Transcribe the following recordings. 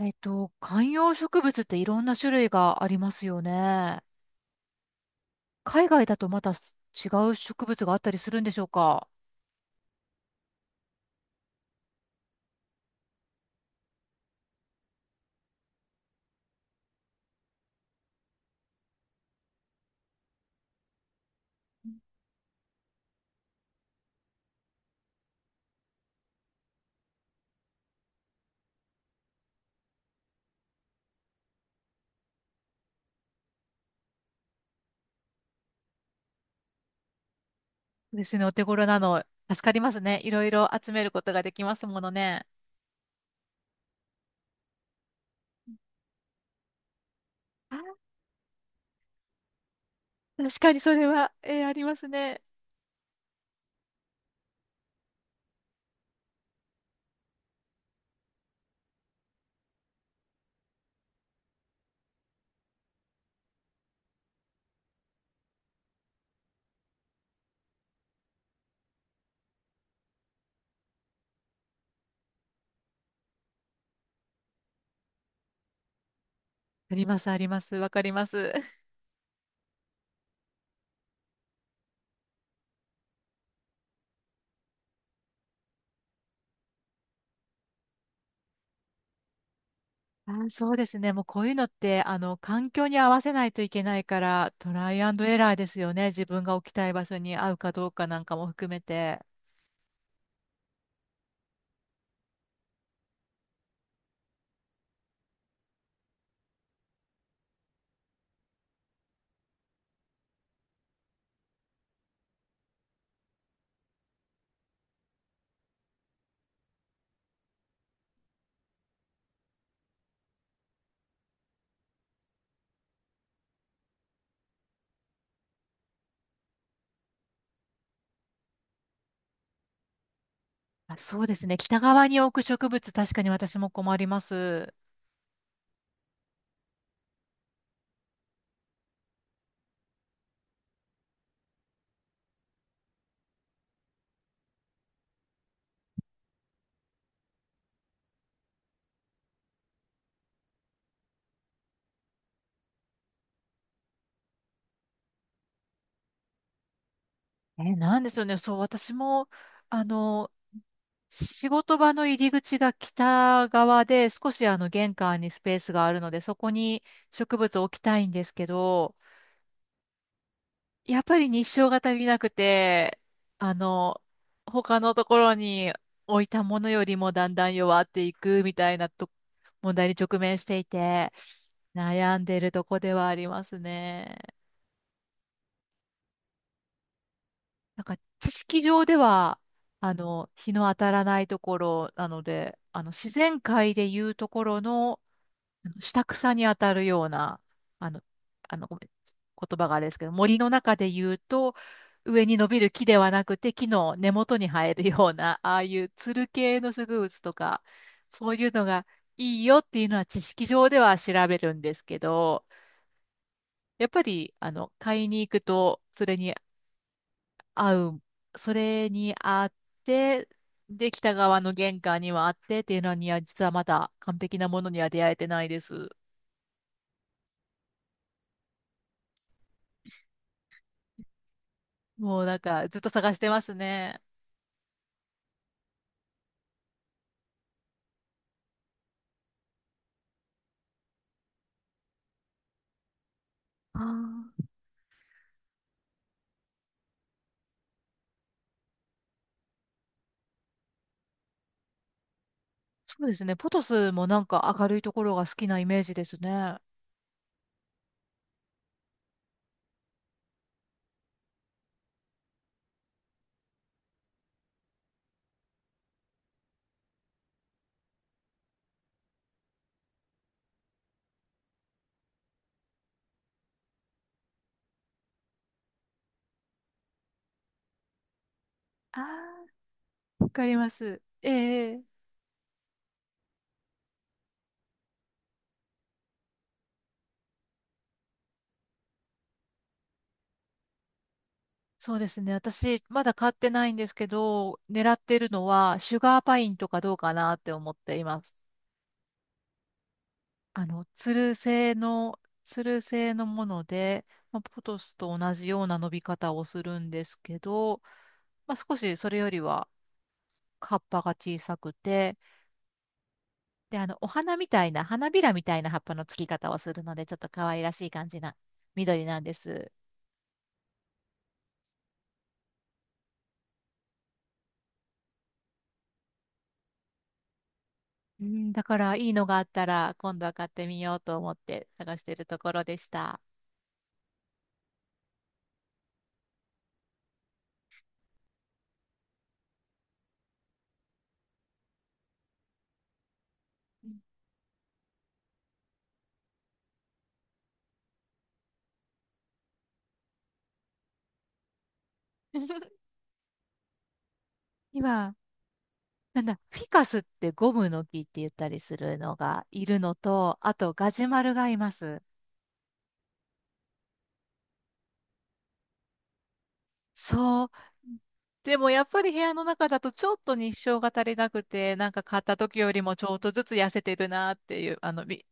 観葉植物っていろんな種類がありますよね。海外だとまたす違う植物があったりするんでしょうか？私のお手頃なの、助かりますね。いろいろ集めることができますものね。あ、確かにそれは、ありますね。あります、あります。わかります。あ、そうですね。もうこういうのって、環境に合わせないといけないから、トライアンドエラーですよね。自分が置きたい場所に合うかどうかなんかも含めて。あ、そうですね。北側に置く植物、確かに私も困ります。え、なんでしょうね。そう、私も、あの、仕事場の入り口が北側で、少しあの玄関にスペースがあるので、そこに植物を置きたいんですけど、やっぱり日照が足りなくて、あの、他のところに置いたものよりもだんだん弱っていくみたいなと問題に直面していて、悩んでいるとこではありますね。なんか知識上では、日の当たらないところなので、自然界でいうところの、あの下草に当たるような、あの、ごめん、言葉があれですけど、森の中で言うと、上に伸びる木ではなくて、木の根元に生えるような、ああいうつる系の植物とか、そういうのがいいよっていうのは知識上では調べるんですけど、やっぱり、買いに行くと、合う、それにあって、で、北側の玄関にはあってっていうのには、実はまだ完璧なものには出会えてないです。もうなんか、ずっと探してますね。あー、そうですね。ポトスもなんか明るいところが好きなイメージですね。ああ、わかります。ええ。そうですね。私、まだ買ってないんですけど、狙ってるのは、シュガーパインとかどうかなって思っています。つる製のもので、まあ、ポトスと同じような伸び方をするんですけど、まあ、少しそれよりは葉っぱが小さくて、で、お花みたいな、花びらみたいな葉っぱのつき方をするので、ちょっと可愛らしい感じな緑なんです。うん、だからいいのがあったら、今度は買ってみようと思って探してるところでした。今、なんだ、フィカスってゴムの木って言ったりするのがいるのと、あとガジュマルがいます。そう。でもやっぱり部屋の中だとちょっと日照が足りなくて、なんか買った時よりもちょっとずつ痩せてるなっていう、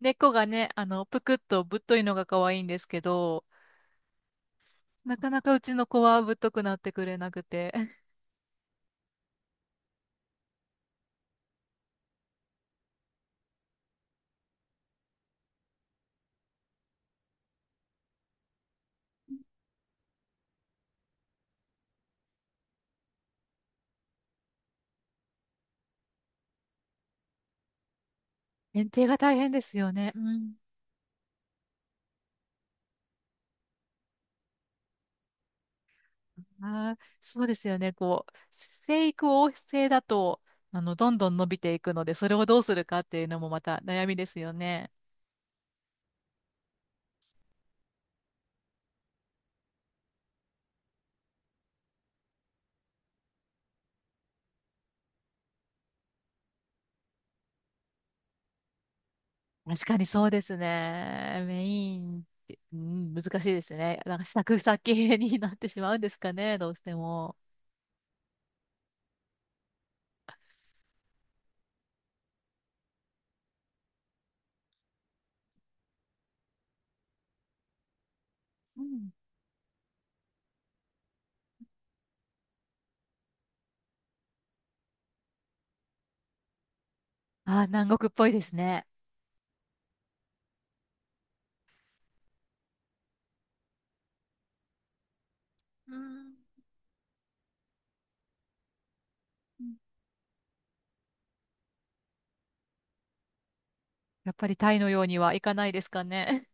根っこがね、ぷくっとぶっといのが可愛いんですけど、なかなかうちの子はぶっとくなってくれなくて、園庭が大変ですよね。うん。あー、そうですよね。こう、生育旺盛だと、どんどん伸びていくので、それをどうするかっていうのもまた悩みですよね。確かにそうですね。メインって、うん、難しいですね。なんか支度先になってしまうんですかね、どうしても。うん、あー、南国っぽいですね。うん、やっぱりタイのようにはいかないですかね。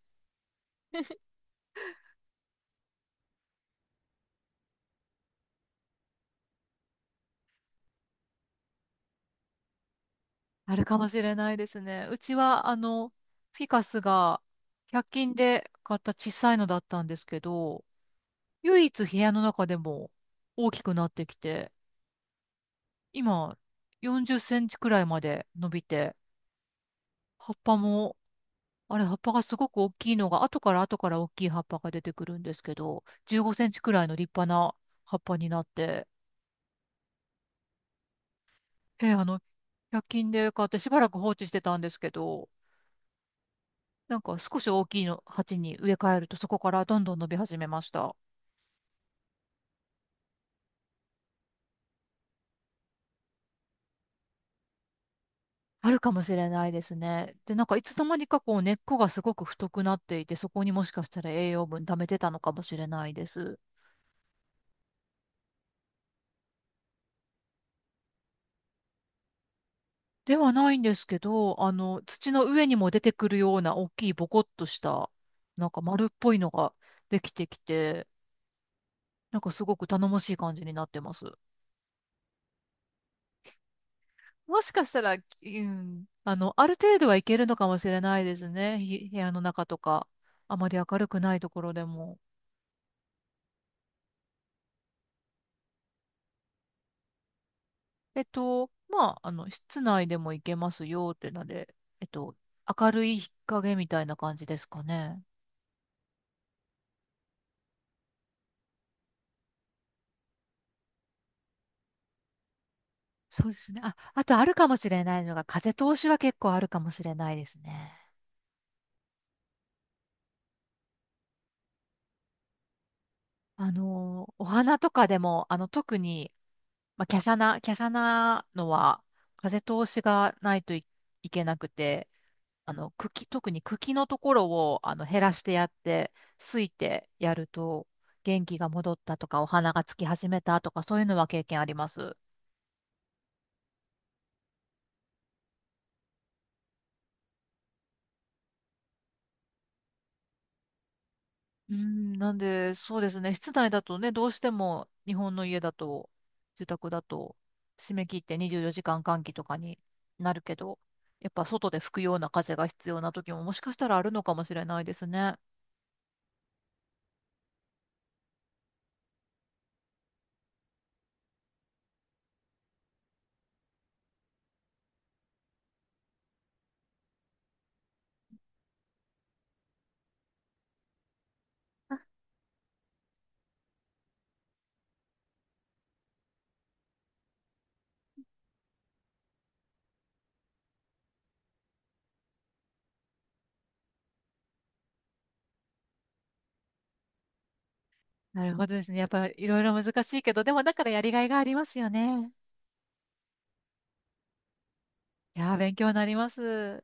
あるかもしれないですね。うちは、フィカスが100均で買った小さいのだったんですけど、唯一部屋の中でも大きくなってきて、今40センチくらいまで伸びて、葉っぱもあれ、葉っぱがすごく大きいのが、後から後から大きい葉っぱが出てくるんですけど、15センチくらいの立派な葉っぱになって、あの、100均で買ってしばらく放置してたんですけど、なんか少し大きいの鉢に植え替えると、そこからどんどん伸び始めました。あるかもしれないですね。で、なんかいつの間にかこう根っこがすごく太くなっていて、そこにもしかしたら栄養分溜めてたのかもしれないです。ではないんですけど、土の上にも出てくるような大きいボコッとした、なんか丸っぽいのができてきて、なんかすごく頼もしい感じになってます。もしかしたら、うん、ある程度はいけるのかもしれないですね。ひ部屋の中とか、あまり明るくないところでも。まあ、室内でもいけますよってので、えっと、明るい日陰みたいな感じですかね。そうですね。あ、あとあるかもしれないのが、風通しは結構あるかもしれないですね。お花とかでも、特に、まあ、華奢なのは、風通しがないとい、いけなくて、特に茎のところを、減らしてやって、すいてやると、元気が戻ったとか、お花がつき始めたとか、そういうのは経験あります。うん、なんで、そうですね、室内だとね、どうしても日本の家だと、住宅だと、締め切って24時間換気とかになるけど、やっぱ外で吹くような風が必要な時ももしかしたらあるのかもしれないですね。なるほどですね。やっぱいろいろ難しいけど、でもだからやりがいがありますよね。いやー、勉強になります。